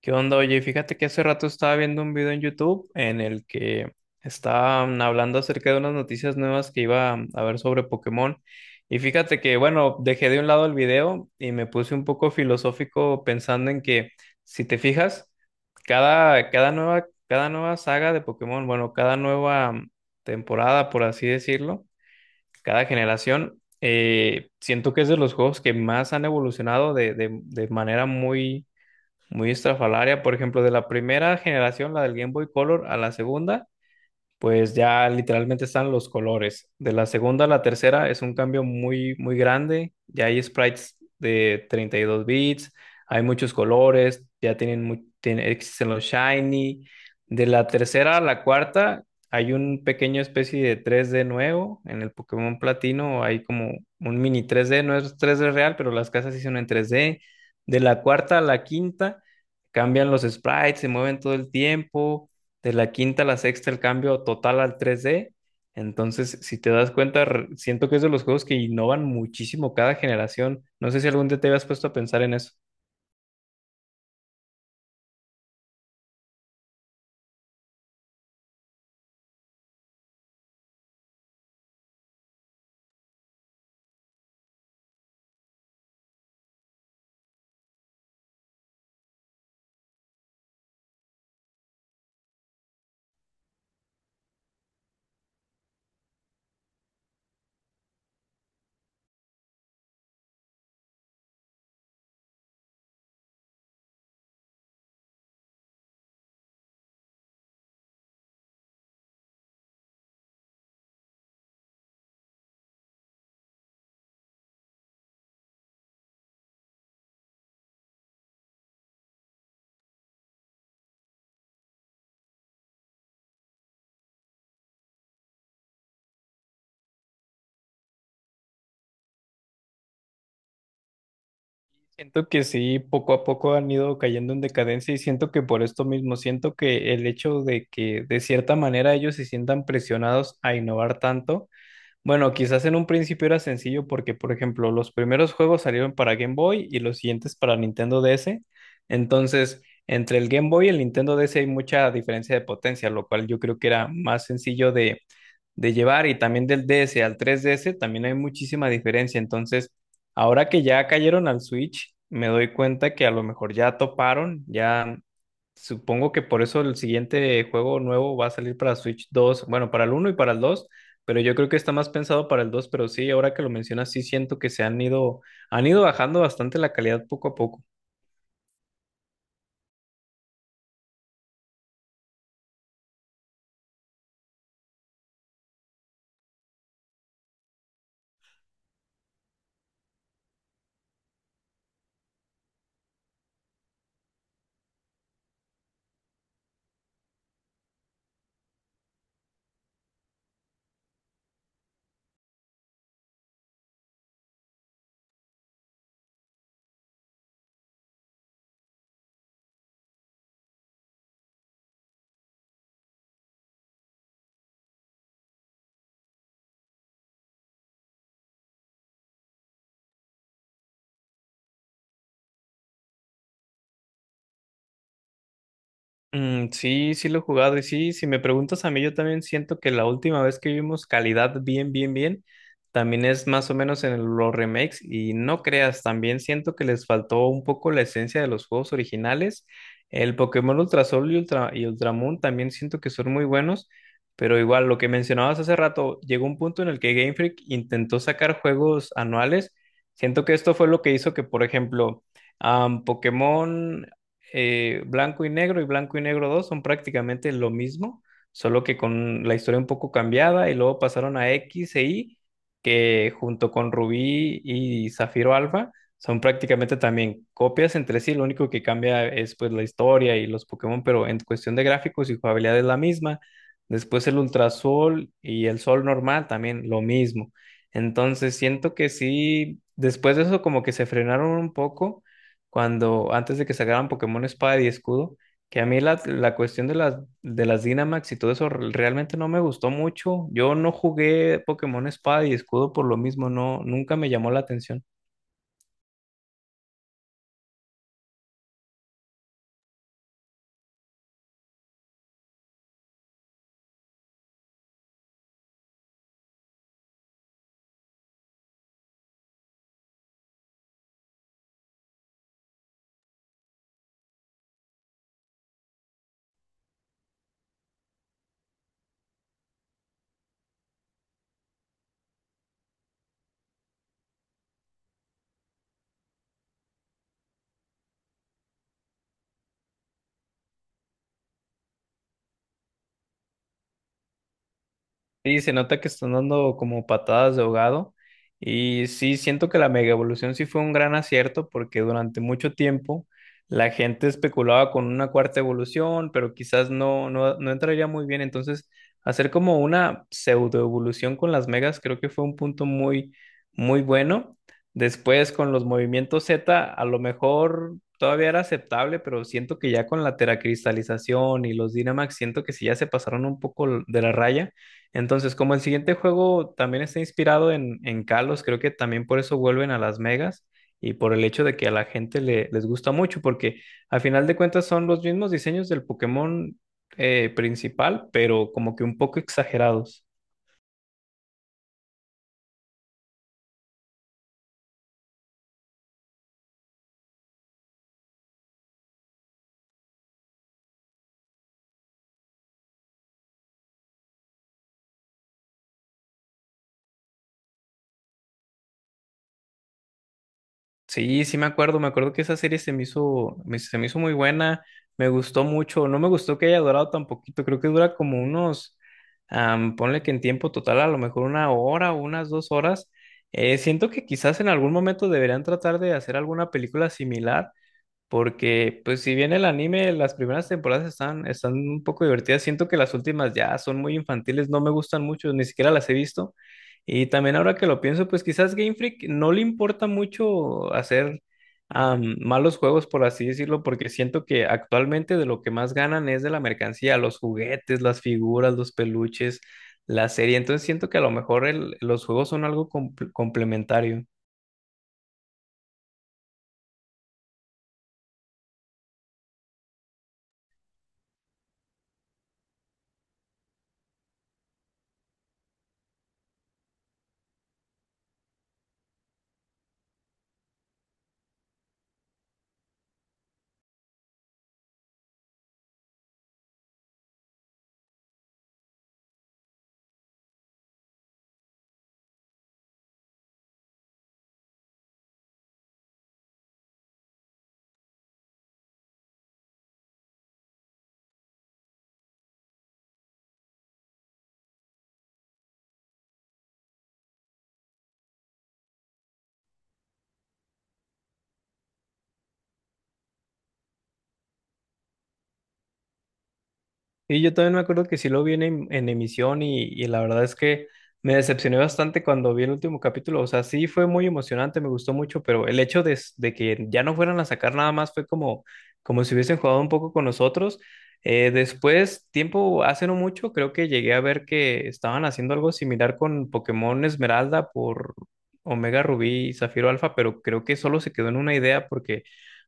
¿Qué onda? Oye, fíjate que hace rato estaba viendo un video en YouTube en el que estaban hablando acerca de unas noticias nuevas que iba a haber sobre Pokémon. Y fíjate que, bueno, dejé de un lado el video y me puse un poco filosófico pensando en que, si te fijas, cada nueva saga de Pokémon. Bueno, cada nueva temporada, por así decirlo, cada generación, siento que es de los juegos que más han evolucionado de manera muy muy estrafalaria. Por ejemplo, de la primera generación, la del Game Boy Color, a la segunda, pues ya literalmente están los colores. De la segunda a la tercera es un cambio muy, muy grande. Ya hay sprites de 32 bits, hay muchos colores, ya tienen, existen los shiny. De la tercera a la cuarta hay un pequeño especie de 3D nuevo. En el Pokémon Platino hay como un mini 3D, no es 3D real, pero las casas sí son en 3D. De la cuarta a la quinta cambian los sprites, se mueven todo el tiempo. De la quinta a la sexta el cambio total al 3D. Entonces, si te das cuenta, siento que es de los juegos que innovan muchísimo cada generación. No sé si algún día te habías puesto a pensar en eso. Siento que sí, poco a poco han ido cayendo en decadencia y siento que por esto mismo, siento que el hecho de que de cierta manera ellos se sientan presionados a innovar tanto. Bueno, quizás en un principio era sencillo porque, por ejemplo, los primeros juegos salieron para Game Boy y los siguientes para Nintendo DS. Entonces, entre el Game Boy y el Nintendo DS hay mucha diferencia de potencia, lo cual yo creo que era más sencillo de llevar. Y también del DS al 3DS también hay muchísima diferencia. Entonces, ahora que ya cayeron al Switch, me doy cuenta que a lo mejor ya toparon, ya. Supongo que por eso el siguiente juego nuevo va a salir para Switch 2, bueno, para el uno y para el 2, pero yo creo que está más pensado para el 2. Pero sí, ahora que lo mencionas, sí siento que han ido bajando bastante la calidad poco a poco. Mm, sí, sí lo he jugado. Y sí, si me preguntas a mí, yo también siento que la última vez que vimos calidad bien, bien, bien, también es más o menos en los remakes. Y no creas, también siento que les faltó un poco la esencia de los juegos originales. El Pokémon Ultra Sol y Ultramoon también siento que son muy buenos, pero igual lo que mencionabas hace rato, llegó un punto en el que Game Freak intentó sacar juegos anuales. Siento que esto fue lo que hizo que, por ejemplo, Pokémon Blanco y Negro y Blanco y Negro 2 son prácticamente lo mismo, solo que con la historia un poco cambiada, y luego pasaron a X e Y, que junto con Rubí y Zafiro Alfa son prácticamente también copias entre sí. Lo único que cambia es pues la historia y los Pokémon, pero en cuestión de gráficos y jugabilidad es la misma. Después el Ultrasol y el Sol normal también lo mismo. Entonces siento que sí, después de eso como que se frenaron un poco cuando antes de que sacaran Pokémon Espada y Escudo, que a mí la cuestión de las Dynamax y todo eso realmente no me gustó mucho. Yo no jugué Pokémon Espada y Escudo por lo mismo, no, nunca me llamó la atención. Sí, se nota que están dando como patadas de ahogado. Y sí, siento que la mega evolución sí fue un gran acierto porque durante mucho tiempo la gente especulaba con una cuarta evolución, pero quizás no entraría muy bien. Entonces, hacer como una pseudo evolución con las megas creo que fue un punto muy, muy bueno. Después, con los movimientos Z, a lo mejor todavía era aceptable, pero siento que ya con la teracristalización y los Dynamax, siento que sí ya se pasaron un poco de la raya. Entonces, como el siguiente juego también está inspirado en Kalos, creo que también por eso vuelven a Las Megas, y por el hecho de que a la gente les gusta mucho, porque al final de cuentas son los mismos diseños del Pokémon principal, pero como que un poco exagerados. Sí, sí me acuerdo que esa serie se me hizo muy buena, me gustó mucho. No me gustó que haya durado tan poquito, creo que dura como unos, ponle que en tiempo total a lo mejor una hora o unas 2 horas. Siento que quizás en algún momento deberían tratar de hacer alguna película similar, porque, pues, si bien el anime, las primeras temporadas están un poco divertidas, siento que las últimas ya son muy infantiles, no me gustan mucho, ni siquiera las he visto. Y también ahora que lo pienso, pues quizás Game Freak no le importa mucho hacer malos juegos, por así decirlo, porque siento que actualmente de lo que más ganan es de la mercancía, los juguetes, las figuras, los peluches, la serie. Entonces siento que a lo mejor los juegos son algo complementario. Y yo también me acuerdo que sí lo vi en, en emisión, y la verdad es que me decepcioné bastante cuando vi el último capítulo. O sea, sí fue muy emocionante, me gustó mucho, pero el hecho de, de que ya no fueran a sacar nada más fue como, como si hubiesen jugado un poco con nosotros. Después, tiempo hace no mucho, creo que llegué a ver que estaban haciendo algo similar con Pokémon Esmeralda por Omega Rubí y Zafiro Alfa, pero creo que solo se quedó en una idea porque,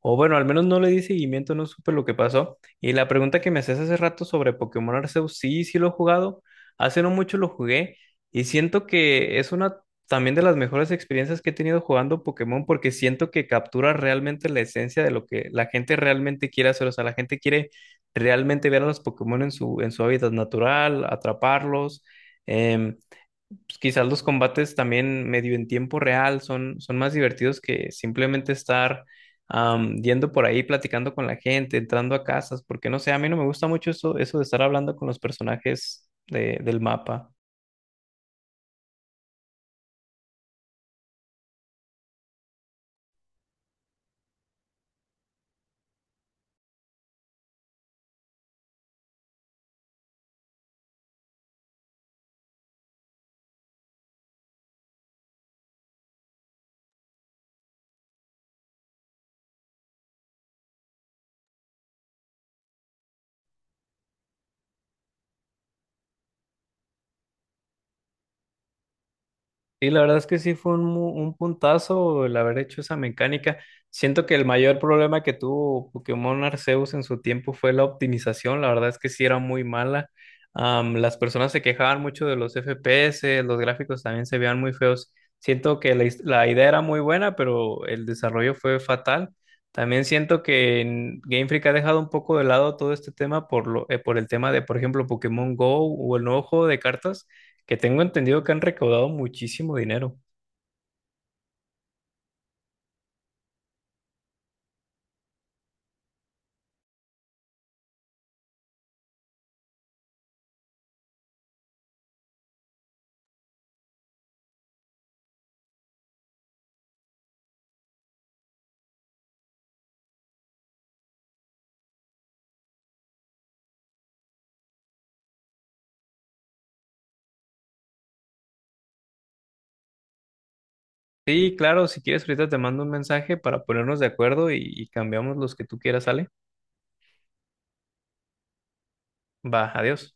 o bueno, al menos no le di seguimiento, no supe lo que pasó. Y la pregunta que me hacías hace rato sobre Pokémon Arceus, sí, sí lo he jugado. Hace no mucho lo jugué y siento que es una también de las mejores experiencias que he tenido jugando Pokémon, porque siento que captura realmente la esencia de lo que la gente realmente quiere hacer. O sea, la gente quiere realmente ver a los Pokémon en su hábitat natural, atraparlos. Em, pues, quizás los combates también medio en tiempo real son más divertidos que simplemente estar yendo por ahí platicando con la gente, entrando a casas, porque no sé, a mí no me gusta mucho eso, eso de estar hablando con los personajes del mapa. Sí, la verdad es que sí fue un puntazo el haber hecho esa mecánica. Siento que el mayor problema que tuvo Pokémon Arceus en su tiempo fue la optimización. La verdad es que sí era muy mala. Las personas se quejaban mucho de los FPS, los gráficos también se veían muy feos. Siento que la idea era muy buena, pero el desarrollo fue fatal. También siento que en Game Freak ha dejado un poco de lado todo este tema por el tema de, por ejemplo, Pokémon Go o el nuevo juego de cartas, que tengo entendido que han recaudado muchísimo dinero. Sí, claro, si quieres, ahorita te mando un mensaje para ponernos de acuerdo y cambiamos los que tú quieras, ¿sale? Va, adiós.